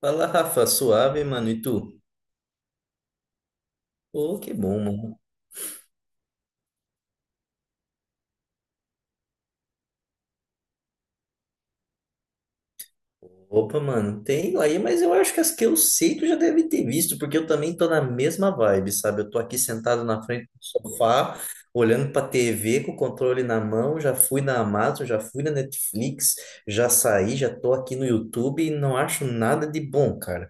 Fala, Rafa, suave, mano, e tu? Ô, que bom, mano. Opa, mano, tem aí, mas eu acho que as que eu sei tu já deve ter visto, porque eu também tô na mesma vibe, sabe? Eu tô aqui sentado na frente do sofá, olhando pra TV com o controle na mão, já fui na Amazon, já fui na Netflix, já saí, já tô aqui no YouTube e não acho nada de bom, cara.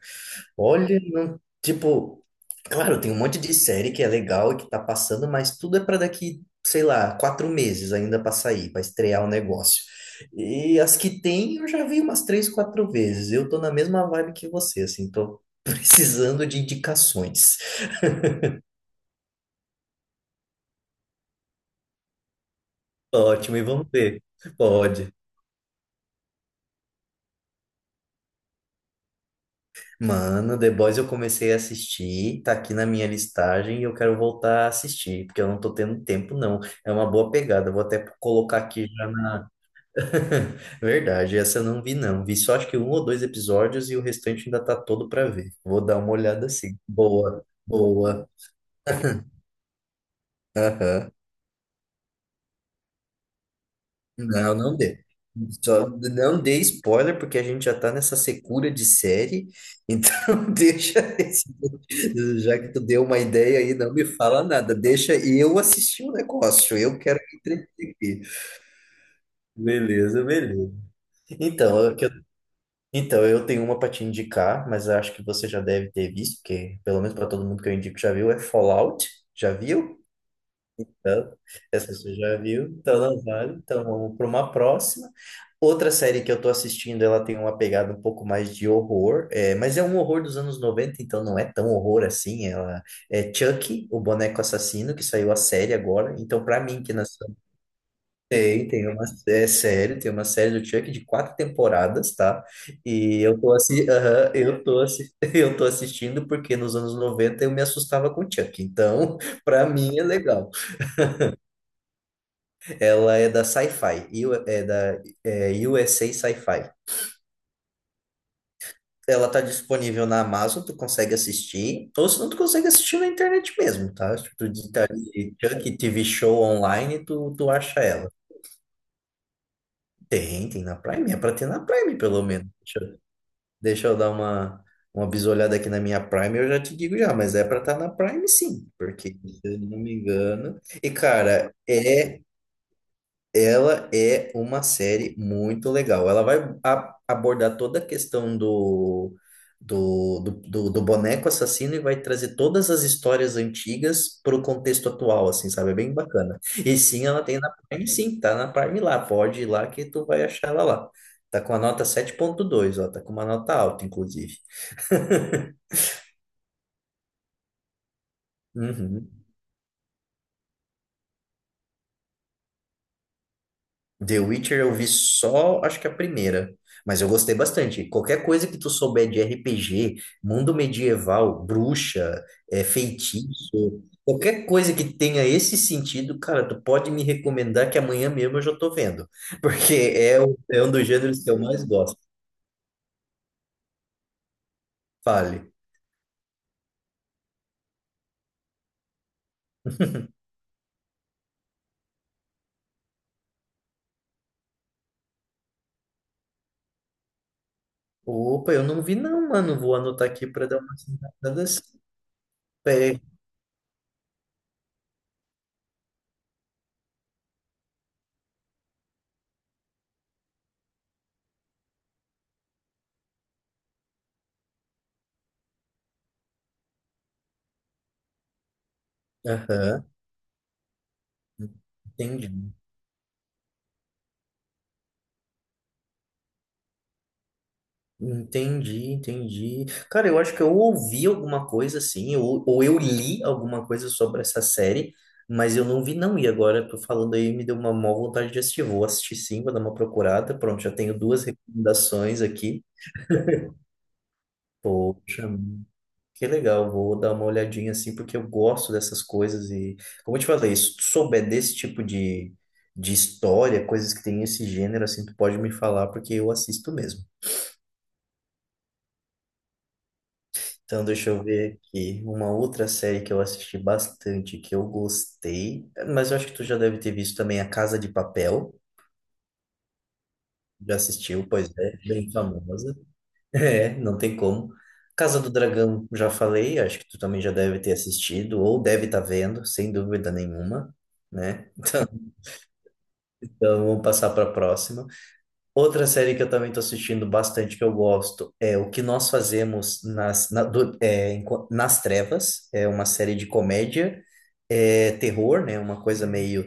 Olha, não, tipo, claro, tem um monte de série que é legal e que tá passando, mas tudo é pra daqui, sei lá, 4 meses ainda pra sair, pra estrear o negócio. E as que tem, eu já vi umas três, quatro vezes. Eu tô na mesma vibe que você, assim, tô precisando de indicações. Ótimo, e vamos ver. Pode. Mano, The Boys eu comecei a assistir, tá aqui na minha listagem e eu quero voltar a assistir, porque eu não tô tendo tempo, não. É uma boa pegada, eu vou até colocar aqui já. Verdade, essa eu não vi não. Vi só acho que um ou dois episódios e o restante ainda tá todo pra ver. Vou dar uma olhada assim. Boa, boa. Aham. Não, não dê. Só não dê spoiler porque a gente já tá nessa secura de série. Então, deixa esse- já que tu deu uma ideia aí, não me fala nada. Deixa eu assistir o negócio. Eu quero me entreter aqui. Beleza, beleza. Então, Então, eu tenho uma para te indicar, mas eu acho que você já deve ter visto, porque pelo menos para todo mundo que eu indico já viu, é Fallout. Já viu? Então, essa pessoa já viu, então não vale. Então vamos para uma próxima. Outra série que eu tô assistindo, ela tem uma pegada um pouco mais de horror, é, mas é um horror dos anos 90, então não é tão horror assim. Ela é Chucky, o boneco assassino, que saiu a série agora. Então, para mim, que nas tem, tem uma é série, tem uma série do Chuck de 4 temporadas, tá? E eu tô assim, aham, eu tô assistindo porque nos anos 90 eu me assustava com o Chuck. Então, pra mim é legal. Ela é da Sci-Fi, e é da USA Sci-Fi. Ela tá disponível na Amazon, tu consegue assistir, ou se não, tu consegue assistir na internet mesmo, tá? Se tu digitar ali Chuck TV Show online, tu acha ela. Tem na Prime, é pra ter na Prime, pelo menos. Deixa eu dar uma bisolhada aqui na minha Prime, eu já te digo já, mas é pra estar na Prime sim, porque se eu não me engano. E cara, ela é uma série muito legal. Ela vai abordar toda a questão do boneco assassino e vai trazer todas as histórias antigas para o contexto atual, assim, sabe? É bem bacana. E sim, ela tem na Prime, sim, tá na Prime lá. Pode ir lá que tu vai achar ela lá. Tá com a nota 7.2, ó, tá com uma nota alta, inclusive. Uhum. The Witcher eu vi só, acho que a primeira. Mas eu gostei bastante. Qualquer coisa que tu souber de RPG, mundo medieval, bruxa, feitiço, qualquer coisa que tenha esse sentido, cara, tu pode me recomendar que amanhã mesmo eu já tô vendo. Porque é um dos gêneros que eu mais gosto. Fale. Opa, eu não vi não, mano. Vou anotar aqui pra dar uma olhada. Aham, entendi. Entendi, entendi. Cara, eu acho que eu ouvi alguma coisa assim, ou eu li alguma coisa sobre essa série, mas eu não vi não. E agora tô falando aí, me deu uma má vontade de assistir. Vou assistir sim, vou dar uma procurada. Pronto, já tenho duas recomendações aqui. Poxa, que legal. Vou dar uma olhadinha assim, porque eu gosto dessas coisas. E, como eu te falei, se tu souber desse tipo de história, coisas que tem esse gênero, assim, tu pode me falar, porque eu assisto mesmo. Então, deixa eu ver aqui. Uma outra série que eu assisti bastante, que eu gostei, mas eu acho que tu já deve ter visto também, A Casa de Papel. Já assistiu, pois é, bem famosa. É, não tem como. Casa do Dragão, já falei, acho que tu também já deve ter assistido, ou deve estar vendo, sem dúvida nenhuma, né? Então, vamos passar para a próxima. Outra série que eu também estou assistindo bastante, que eu gosto, é O Que Nós Fazemos nas, na- do- é, enqu- nas Trevas. É uma série de comédia, terror, né? Uma coisa meio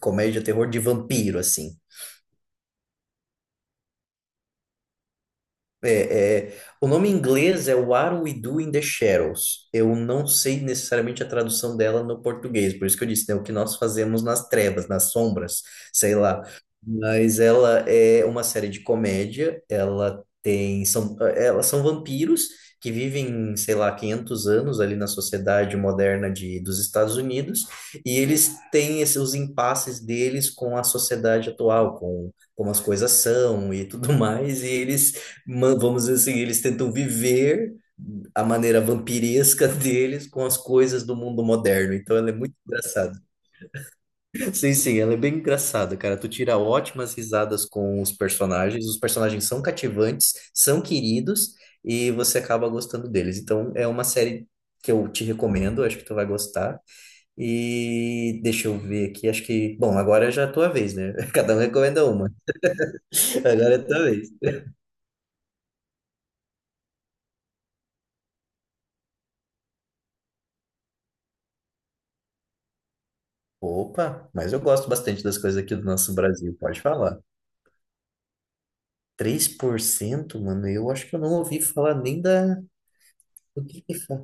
comédia, terror de vampiro, assim. É, o nome em inglês é What We Do in the Shadows. Eu não sei necessariamente a tradução dela no português, por isso que eu disse, né, o que nós fazemos nas trevas, nas sombras, sei lá. Mas ela é uma série de comédia, elas são vampiros que vivem, sei lá, 500 anos ali na sociedade moderna dos Estados Unidos, e eles têm esses, os impasses deles com a sociedade atual, com como as coisas são e tudo mais, e eles vamos dizer assim, eles tentam viver a maneira vampiresca deles com as coisas do mundo moderno. Então ela é muito engraçada. Sim, sim, ela é bem engraçada, cara. Tu tira ótimas risadas com os personagens. Os personagens são cativantes, são queridos e você acaba gostando deles. Então é uma série que eu te recomendo, acho que tu vai gostar. E deixa eu ver aqui, acho que, bom, agora já é a tua vez, né? Cada um recomenda uma. Agora é a tua vez. Opa, mas eu gosto bastante das coisas aqui do nosso Brasil, pode falar. 3%, mano, eu acho que eu não ouvi falar nem da. O que que fa-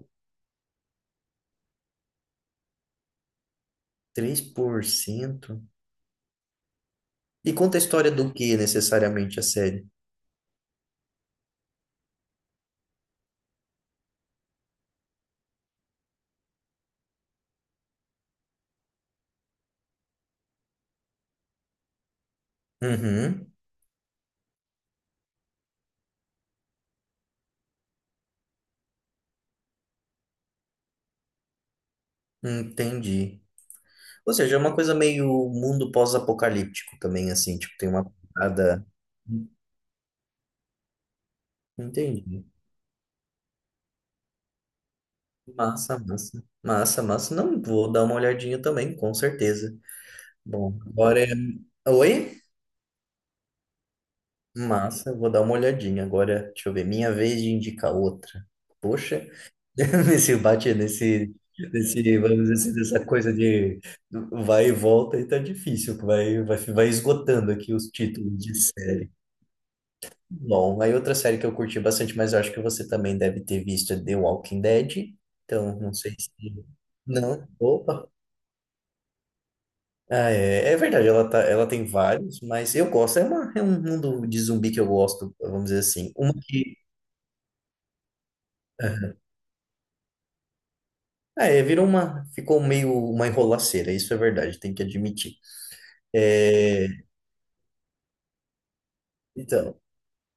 3%. E conta a história do que necessariamente a série? Uhum, entendi. Ou seja, é uma coisa meio mundo pós-apocalíptico também, assim, tipo, tem uma parada. Entendi. Massa, massa. Massa, massa. Não, vou dar uma olhadinha também, com certeza. Bom, agora é. Oi? Massa, eu vou dar uma olhadinha agora. Deixa eu ver, minha vez de indicar outra. Poxa, nesse bate, vamos dizer assim, nessa coisa de vai e volta, e tá difícil, vai esgotando aqui os títulos de série. Bom, aí outra série que eu curti bastante, mas eu acho que você também deve ter visto é The Walking Dead. Então, não sei se. Não, opa. Ah, é verdade, ela tem vários, mas eu gosto. É um mundo de zumbi que eu gosto, vamos dizer assim. Uma que. É, virou uma, ficou meio uma enrolaceira, isso é verdade, tem que admitir. É, então,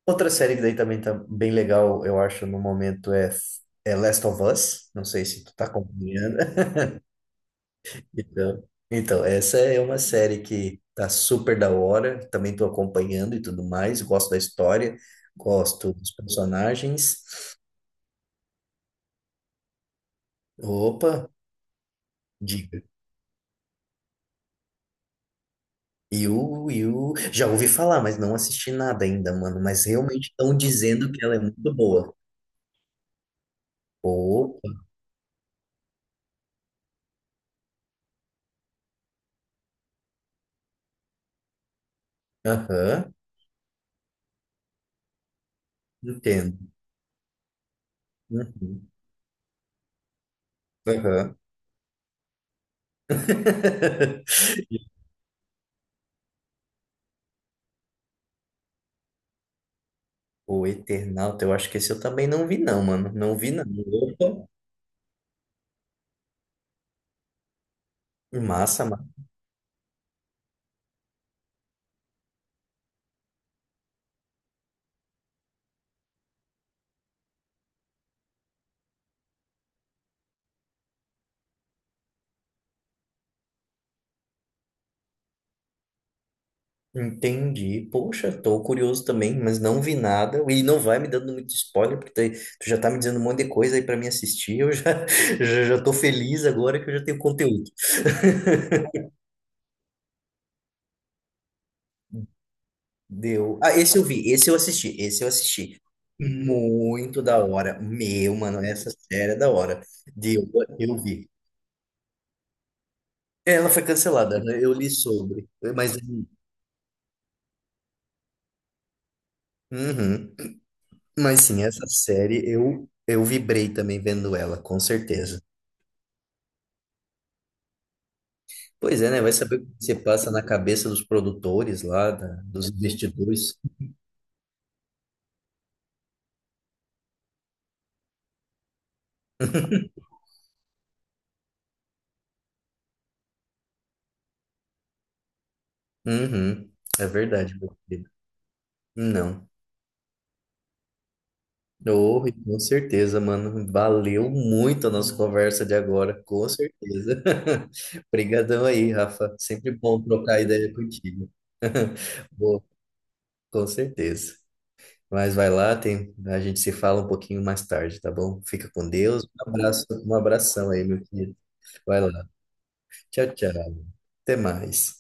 outra série que daí também tá bem legal, eu acho, no momento é Last of Us, não sei se tu tá acompanhando. Então, então, essa é uma série que tá super da hora, também tô acompanhando e tudo mais, gosto da história, gosto dos personagens. Opa, diga. Já ouvi falar, mas não assisti nada ainda, mano. Mas realmente estão dizendo que ela é muito boa. Ou, aham, entendo. Uhum, aham. O Eternauta, eu acho que esse eu também não vi, não, mano. Não vi, não. Opa, massa, mano. Entendi. Poxa, tô curioso também, mas não vi nada. E não vai me dando muito spoiler, porque tu já tá me dizendo um monte de coisa aí pra mim assistir. Eu já, já tô feliz agora que eu já tenho conteúdo. Deu. Ah, esse eu vi, esse eu assisti, esse eu assisti. Uhum. Muito da hora. Meu, mano, essa série é da hora. Deu, eu vi. Ela foi cancelada, né? Eu li sobre. Mas, uhum. Mas sim, essa série eu vibrei também vendo ela, com certeza. Pois é, né? Vai saber o que você passa na cabeça dos produtores lá, dos investidores. Uhum. É verdade, meu querido. Não. Oh, e com certeza, mano. Valeu muito a nossa conversa de agora, com certeza. Obrigadão aí, Rafa. Sempre bom trocar ideia contigo. Boa, com certeza. Mas vai lá, tem, a gente se fala um pouquinho mais tarde, tá bom? Fica com Deus. Um abraço, um abração aí, meu querido. Vai lá. Tchau, tchau. Até mais.